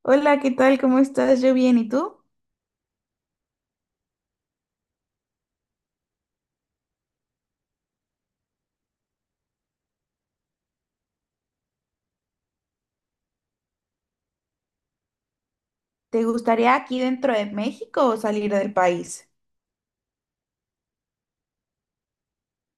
Hola, ¿qué tal? ¿Cómo estás? Yo bien, ¿y tú? ¿Te gustaría aquí dentro de México o salir del país?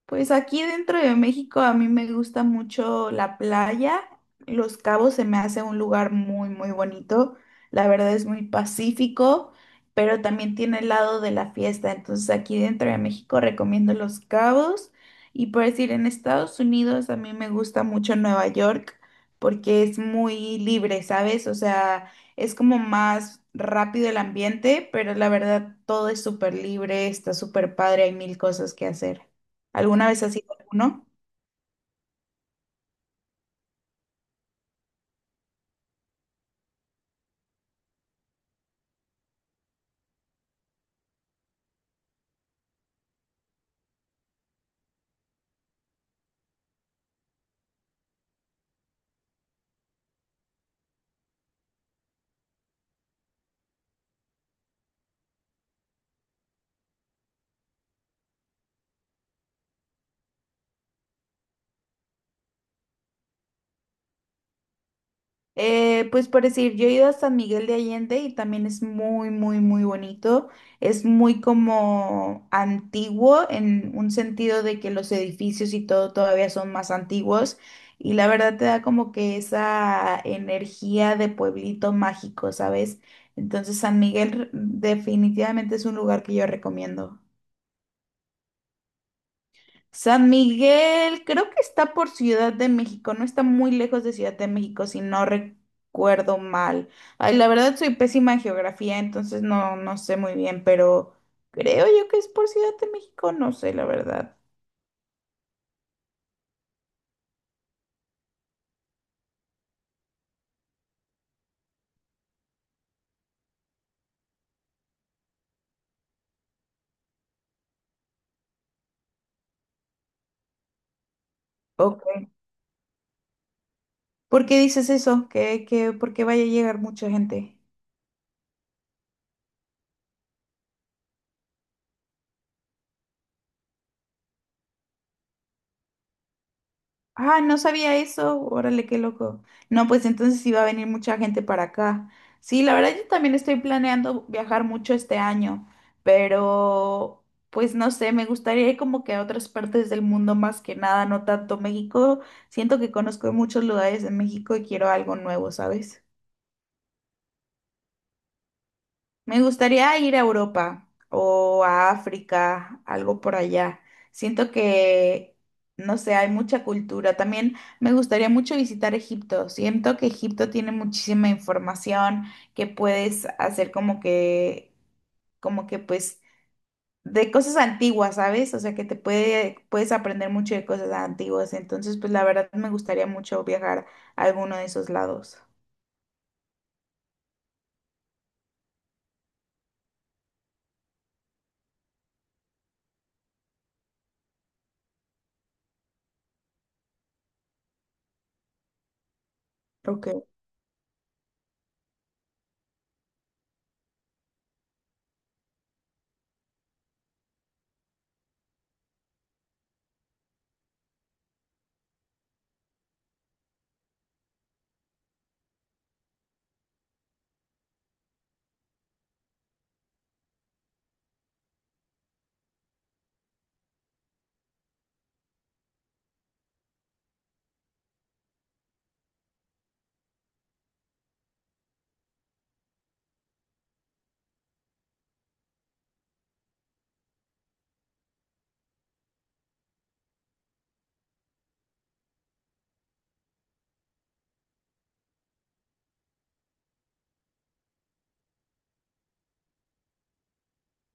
Pues aquí dentro de México a mí me gusta mucho la playa. Los Cabos se me hace un lugar muy, muy bonito. La verdad es muy pacífico, pero también tiene el lado de la fiesta. Entonces aquí dentro de México recomiendo Los Cabos. Y por decir, en Estados Unidos a mí me gusta mucho Nueva York porque es muy libre, ¿sabes? O sea, es como más rápido el ambiente, pero la verdad todo es súper libre, está súper padre, hay mil cosas que hacer. ¿Alguna vez has ido a alguno? Pues por decir, yo he ido a San Miguel de Allende y también es muy, muy, muy bonito. Es muy como antiguo en un sentido de que los edificios y todo todavía son más antiguos y la verdad te da como que esa energía de pueblito mágico, ¿sabes? Entonces San Miguel definitivamente es un lugar que yo recomiendo. San Miguel, creo que está por Ciudad de México, no está muy lejos de Ciudad de México, si no recuerdo mal. Ay, la verdad soy pésima en geografía, entonces no, no sé muy bien, pero creo yo que es por Ciudad de México, no sé la verdad. Ok. ¿Por qué dices eso? ¿Qué, por qué vaya a llegar mucha gente? Ah, no sabía eso. Órale, qué loco. No, pues entonces sí va a venir mucha gente para acá. Sí, la verdad yo también estoy planeando viajar mucho este año, pero pues no sé, me gustaría ir como que a otras partes del mundo más que nada, no tanto México. Siento que conozco muchos lugares en México y quiero algo nuevo, ¿sabes? Me gustaría ir a Europa o a África, algo por allá. Siento que, no sé, hay mucha cultura. También me gustaría mucho visitar Egipto. Siento que Egipto tiene muchísima información que puedes hacer como que pues, de cosas antiguas, ¿sabes? O sea, que te puede, puedes aprender mucho de cosas antiguas. Entonces, pues la verdad me gustaría mucho viajar a alguno de esos lados. Ok.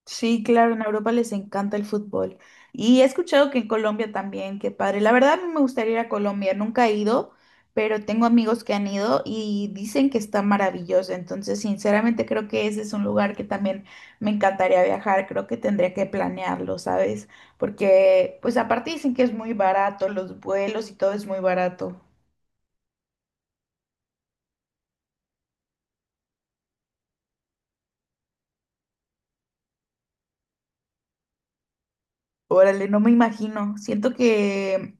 Sí, claro, en Europa les encanta el fútbol. Y he escuchado que en Colombia también, qué padre. La verdad me gustaría ir a Colombia, nunca he ido, pero tengo amigos que han ido y dicen que está maravilloso. Entonces, sinceramente creo que ese es un lugar que también me encantaría viajar. Creo que tendría que planearlo, ¿sabes? Porque, pues aparte dicen que es muy barato, los vuelos y todo es muy barato. Órale, no me imagino.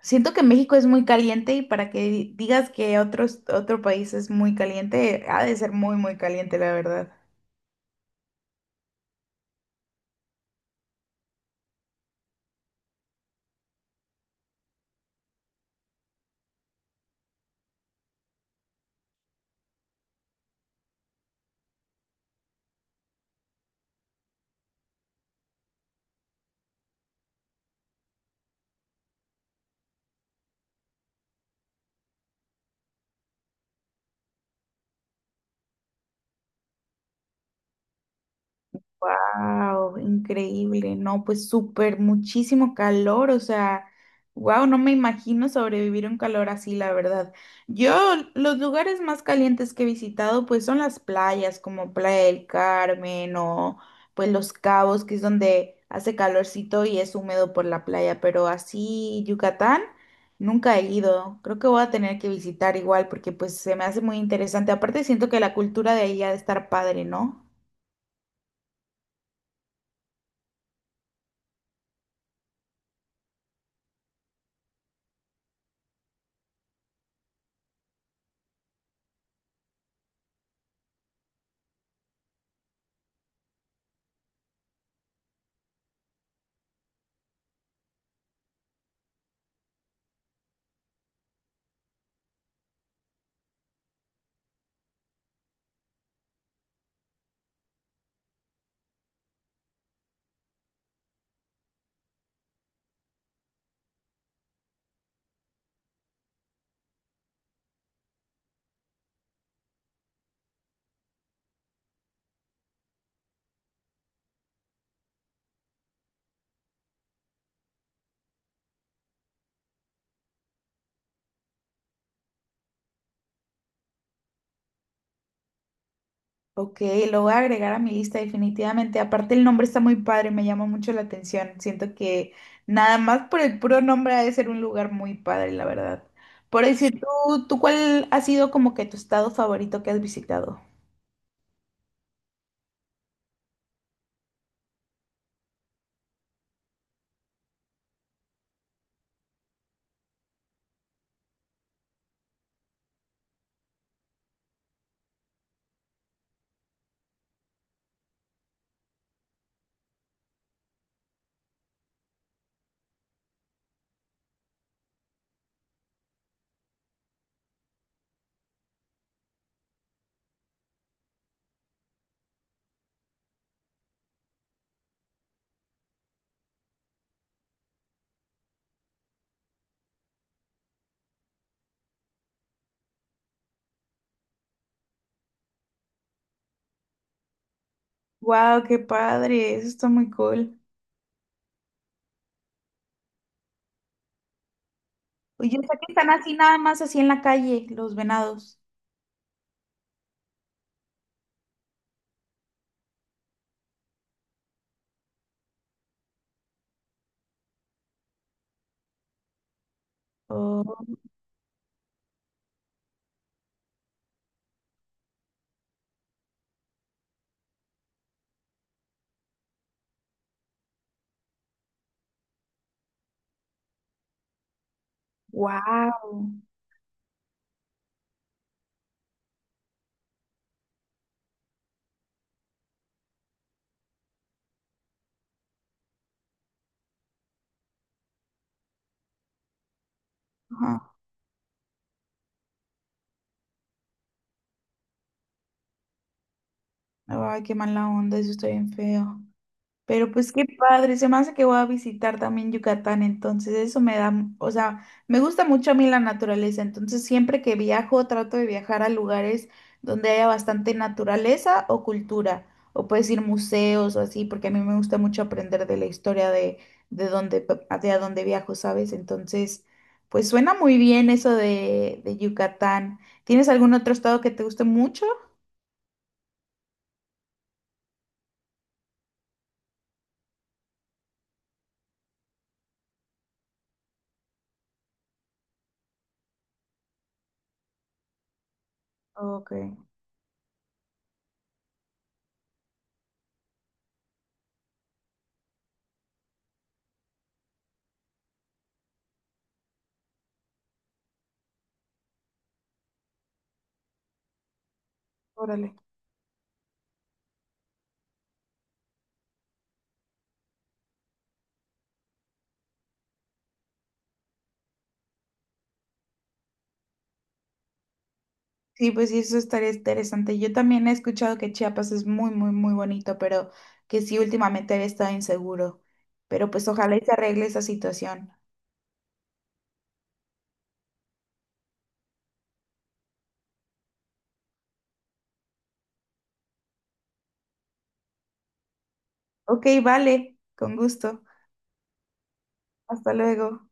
Siento que México es muy caliente y para que digas que otro, otro país es muy caliente, ha de ser muy, muy caliente, la verdad. Wow, increíble, no, pues súper, muchísimo calor, o sea, wow, no me imagino sobrevivir un calor así, la verdad. Yo, los lugares más calientes que he visitado, pues son las playas, como Playa del Carmen o pues Los Cabos, que es donde hace calorcito y es húmedo por la playa, pero así Yucatán nunca he ido. Creo que voy a tener que visitar igual porque pues se me hace muy interesante. Aparte siento que la cultura de ahí ha de estar padre, ¿no? Ok, lo voy a agregar a mi lista definitivamente. Aparte el nombre está muy padre, me llama mucho la atención. Siento que nada más por el puro nombre ha de ser un lugar muy padre, la verdad. Por decir, ¿tú cuál ha sido como que tu estado favorito que has visitado? Wow, qué padre, eso está muy cool. Y yo sé que están así nada más así en la calle, los venados. Oh, wow. Ay, qué mala onda, eso está bien feo. Pero pues qué padre, se me hace que voy a visitar también Yucatán, entonces eso me da, o sea, me gusta mucho a mí la naturaleza, entonces siempre que viajo trato de viajar a lugares donde haya bastante naturaleza o cultura, o puedes ir museos o así, porque a mí me gusta mucho aprender de la historia de donde, de a dónde viajo, ¿sabes? Entonces, pues suena muy bien eso de Yucatán. ¿Tienes algún otro estado que te guste mucho? Ok, órale. Sí, pues sí, eso estaría interesante. Yo también he escuchado que Chiapas es muy, muy, muy bonito, pero que sí últimamente había estado inseguro. Pero pues ojalá y se arregle esa situación. Ok, vale, con gusto. Hasta luego.